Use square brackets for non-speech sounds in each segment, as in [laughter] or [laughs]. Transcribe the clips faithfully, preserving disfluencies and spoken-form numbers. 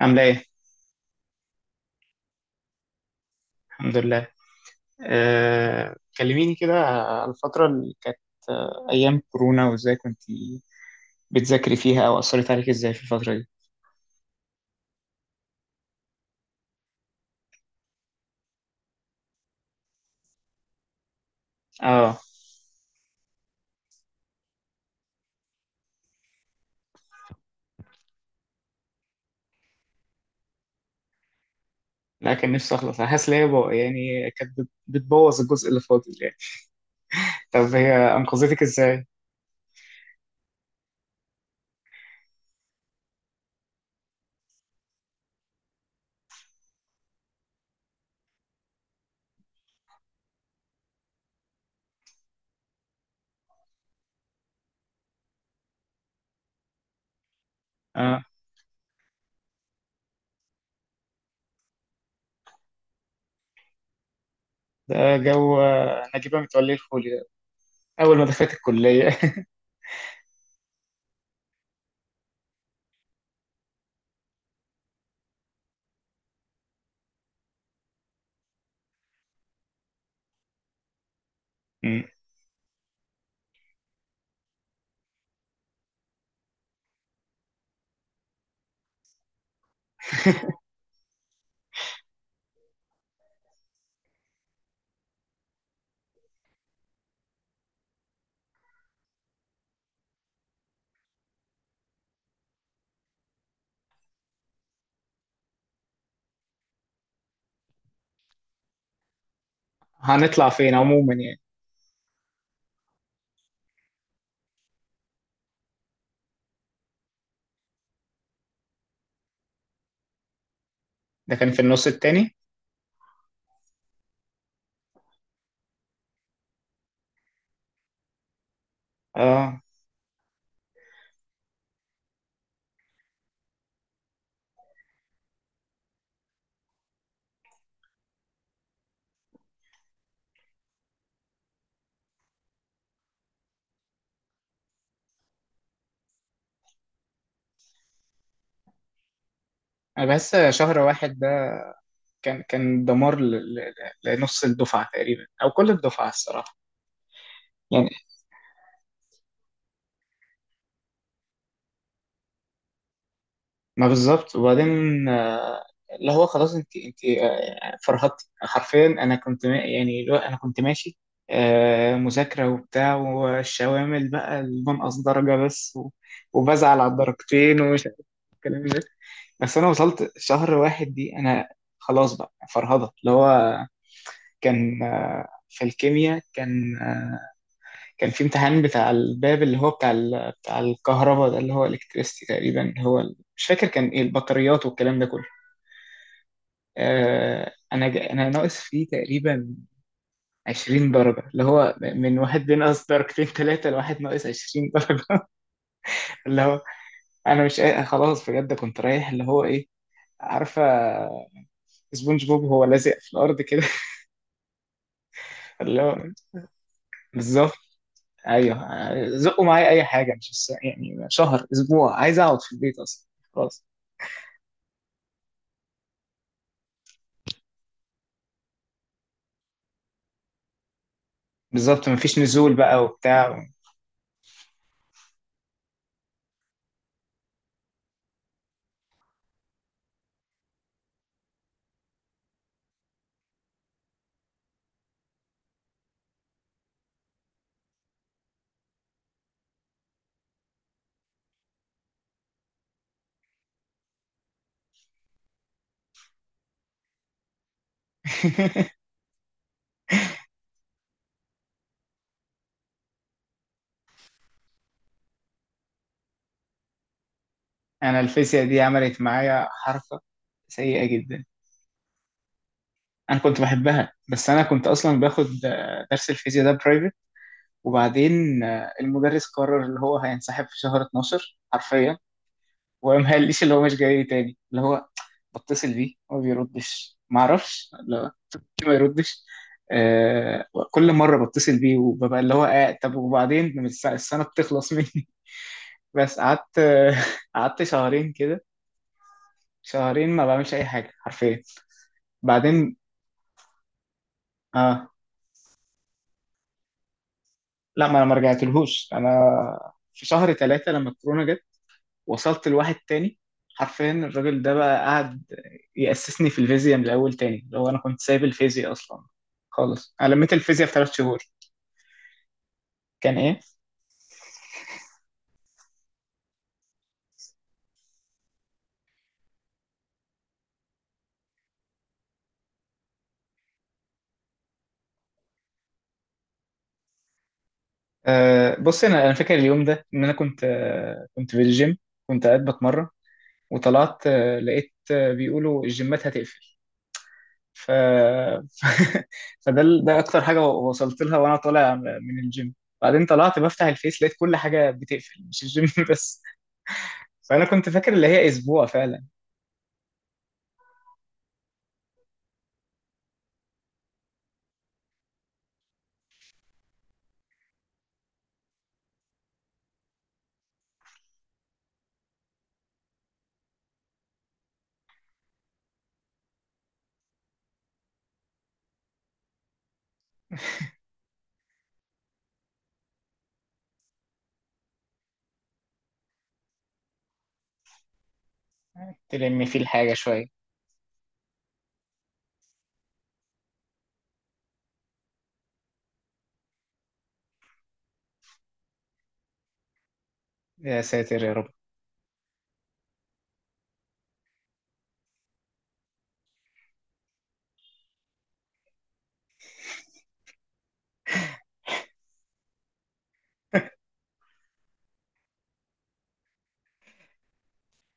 عاملة ايه؟ الحمد لله. أه... كلميني كده على الفترة اللي كانت، آه، أيام كورونا، وازاي كنت بتذاكري فيها أو أثرت عليك ازاي في الفترة دي؟ اه. لا، كان نفسي أخلص. أنا حاسس إن هي بو- يعني كانت بت- بتبوظ الجزء اللي فاضل يعني. طب هي أنقذتك ازاي؟ اه. ده جو آه، نجيبة متولي الفولي ده، أول ما دخلت الكلية. [laughs] مم. [laughs] هنطلع فين عموما يعني. ده كان في النص التاني. اه. أنا بحس شهر واحد كان كان دمار ل- ل- لنص الدفعة تقريبا، أو كل الدفعة الصراحة. يعني ما بالظبط. وبعدين آه، اللي هو خلاص. أنت أنت آه، فرهدتي حرفيا. أنا كنت ما- يعني اللي هو أنا كنت ماشي آه، مذاكرة وبتاع، والشوامل بقى المنقص درجة بس، و- وبزعل على الدرجتين ومش عارف الكلام ده. بس أنا وصلت شهر واحد دي، أنا خلاص بقى فرهضة. اللي هو كان آه، في الكيمياء، كان آه، كان في امتحان بتاع الباب، اللي هو بتاع ال... بتاع الكهرباء ده، اللي هو الكتريستي تقريبا، هو ال... مش فاكر كان ايه، البطاريات والكلام ده كله. آه انا ج... انا ناقص فيه تقريبا عشرين درجه، اللي هو من واحد بينقص درجتين ثلاثه، لواحد ناقص عشرين درجه. [laughs] اللي هو انا مش قا- خلاص بجد كنت رايح. اللي هو ايه، عارفه سبونج بوب هو لازق في الارض كده. [laughs] اللي هو بالظبط. ايوه، زقوا معايا اي حاجه. مش الس- يعني شهر، اسبوع، عايز اقعد في البيت اصلا، خلاص. بالظبط مفيش نزول بقى وبتاع. [laughs] انا الفيزياء دي عملت معايا حركه سيئه جدا. انا كنت بحبها، بس انا كنت اصلا باخد آه، درس الفيزياء ده برايفت. وبعدين آه، المدرس قرر اللي هو هينسحب في شهر اثنا عشر حرفيا، وما قاليش اللي هو مش جاي تاني. اللي هو بتصل بيه هو ما بيردش، ما اعرفش لا ليه [laughs] ما يردش. آه كل مره بتصل بيه وببقى اللي هو آه طب وبعدين الس- السنه بتخلص مني. [laughs] بس قعدت آه، [laughs] قعدت شهرين كده. شهرين ما بعملش اي حاجه حرفيا. بعدين، اه، لا ما انا ما رجعتلهوش. انا في شهر ثلاثة لما الكورونا جت، وصلت لواحد تاني. حرفيا الراجل ده بقى قعد يأسسني في الفيزياء من الاول تاني. لو انا كنت سايب الفيزياء اصلا خالص، انا لميت الفيزياء في ثلاث شهور. كان ايه؟ آه بص، انا انا فاكر اليوم ده ان انا كنت آه كنت في الجيم، كنت قاعد بتمرن. وطلعت آه لقيت آه بيقولوا الجيمات هتقفل. ف... [laughs] فده ال- ده اكتر حاجه وصلت لها وانا طالع من الجيم. بعدين طلعت بفتح الفيس، لقيت كل حاجه بتقفل، مش الجيم [laughs] بس. فانا كنت فاكر اللي هي اسبوع فعلا تلم فيه الحاجه شويه. يا ساتر يا رب.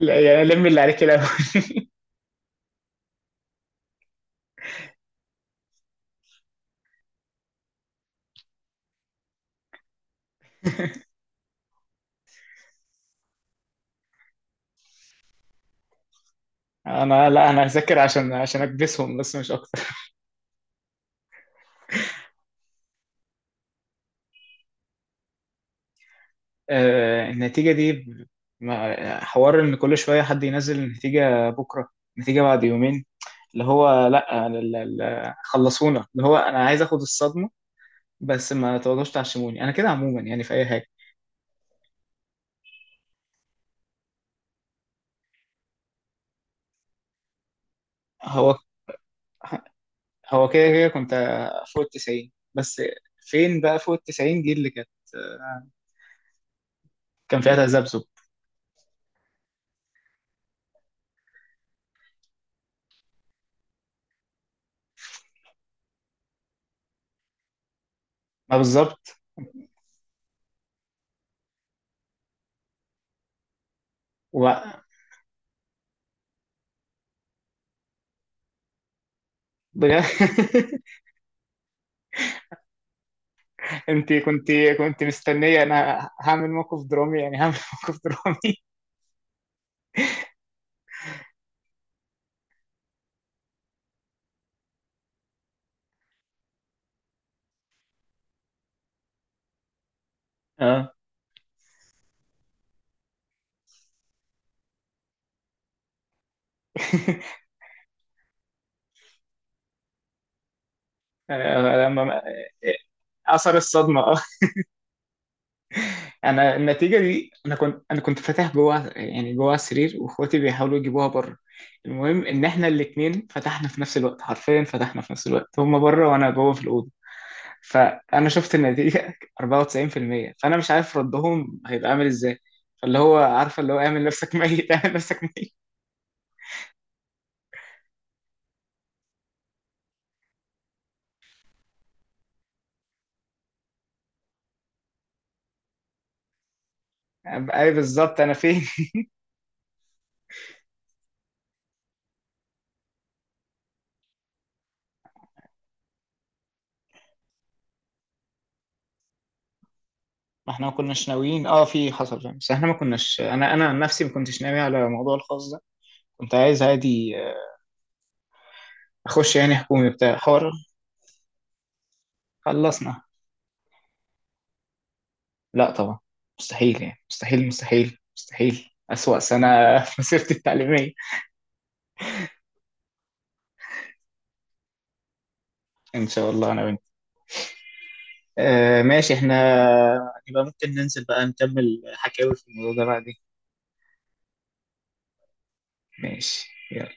لا يعني لم اللي عليك الاول. [laughs] انا، لا، انا هذاكر عشان عشان اكبسهم بس مش اكتر. آه النتيجه دي ب- ما- حوار ان كل شويه حد ينزل النتيجه بكره، النتيجه بعد يومين. اللي هو لا ال- ال- خلصونا. اللي هو انا عايز اخد الصدمه، بس ما تقعدوش تعشموني. انا كده عموما يعني في اي حاجه. هو هو كده كده كنت فوق التسعين بس. فين بقى فوق التسعين دي اللي كانت كان فيها تذبذب. ما بالظبط، و بجد. [laughs] انت كنت، كنت مستنيه انا هعمل موقف درامي، يعني هعمل [laughs] موقف درامي. اه. [laughs] آه، لما اثر الصدمه. [laughs] انا النتيجه دي، انا كنت انا كنت فاتح جوه، يعني جوه السرير، واخواتي بيحاولوا يجيبوها بره. المهم ان احنا الاثنين فتحنا في نفس الوقت، حرفيا فتحنا في نفس الوقت، هما بره وانا جوه في الاوضه. فانا شفت النتيجه [laughs] اربعه وتسعين بالميه. فانا مش عارف ردهم هيبقى عامل ازاي. فاللي هو عارفه، اللي هو اعمل نفسك ميت، [laughs] اعمل نفسك ميت. أبقى ايه بالظبط، انا فين؟ [laughs] ما احنا ما كناش ناويين، اه، في حصل فاهم، بس احنا ما كناش، انا انا عن نفسي ما كنتش ناوي على موضوع الخاص ده. كنت عايز عادي اخش يعني حكومي بتاع حوار. خلصنا. لا طبعا، مستحيل يعني، مستحيل مستحيل مستحيل أسوأ سنة [laughs] في مسيرتي التعليمية. إن شاء الله أنا وأنت. آه ماشي إحنا. يبقى ممكن ننزل بقى نكمل حكاوي في الموضوع ده بعدين. ماشي، يلا.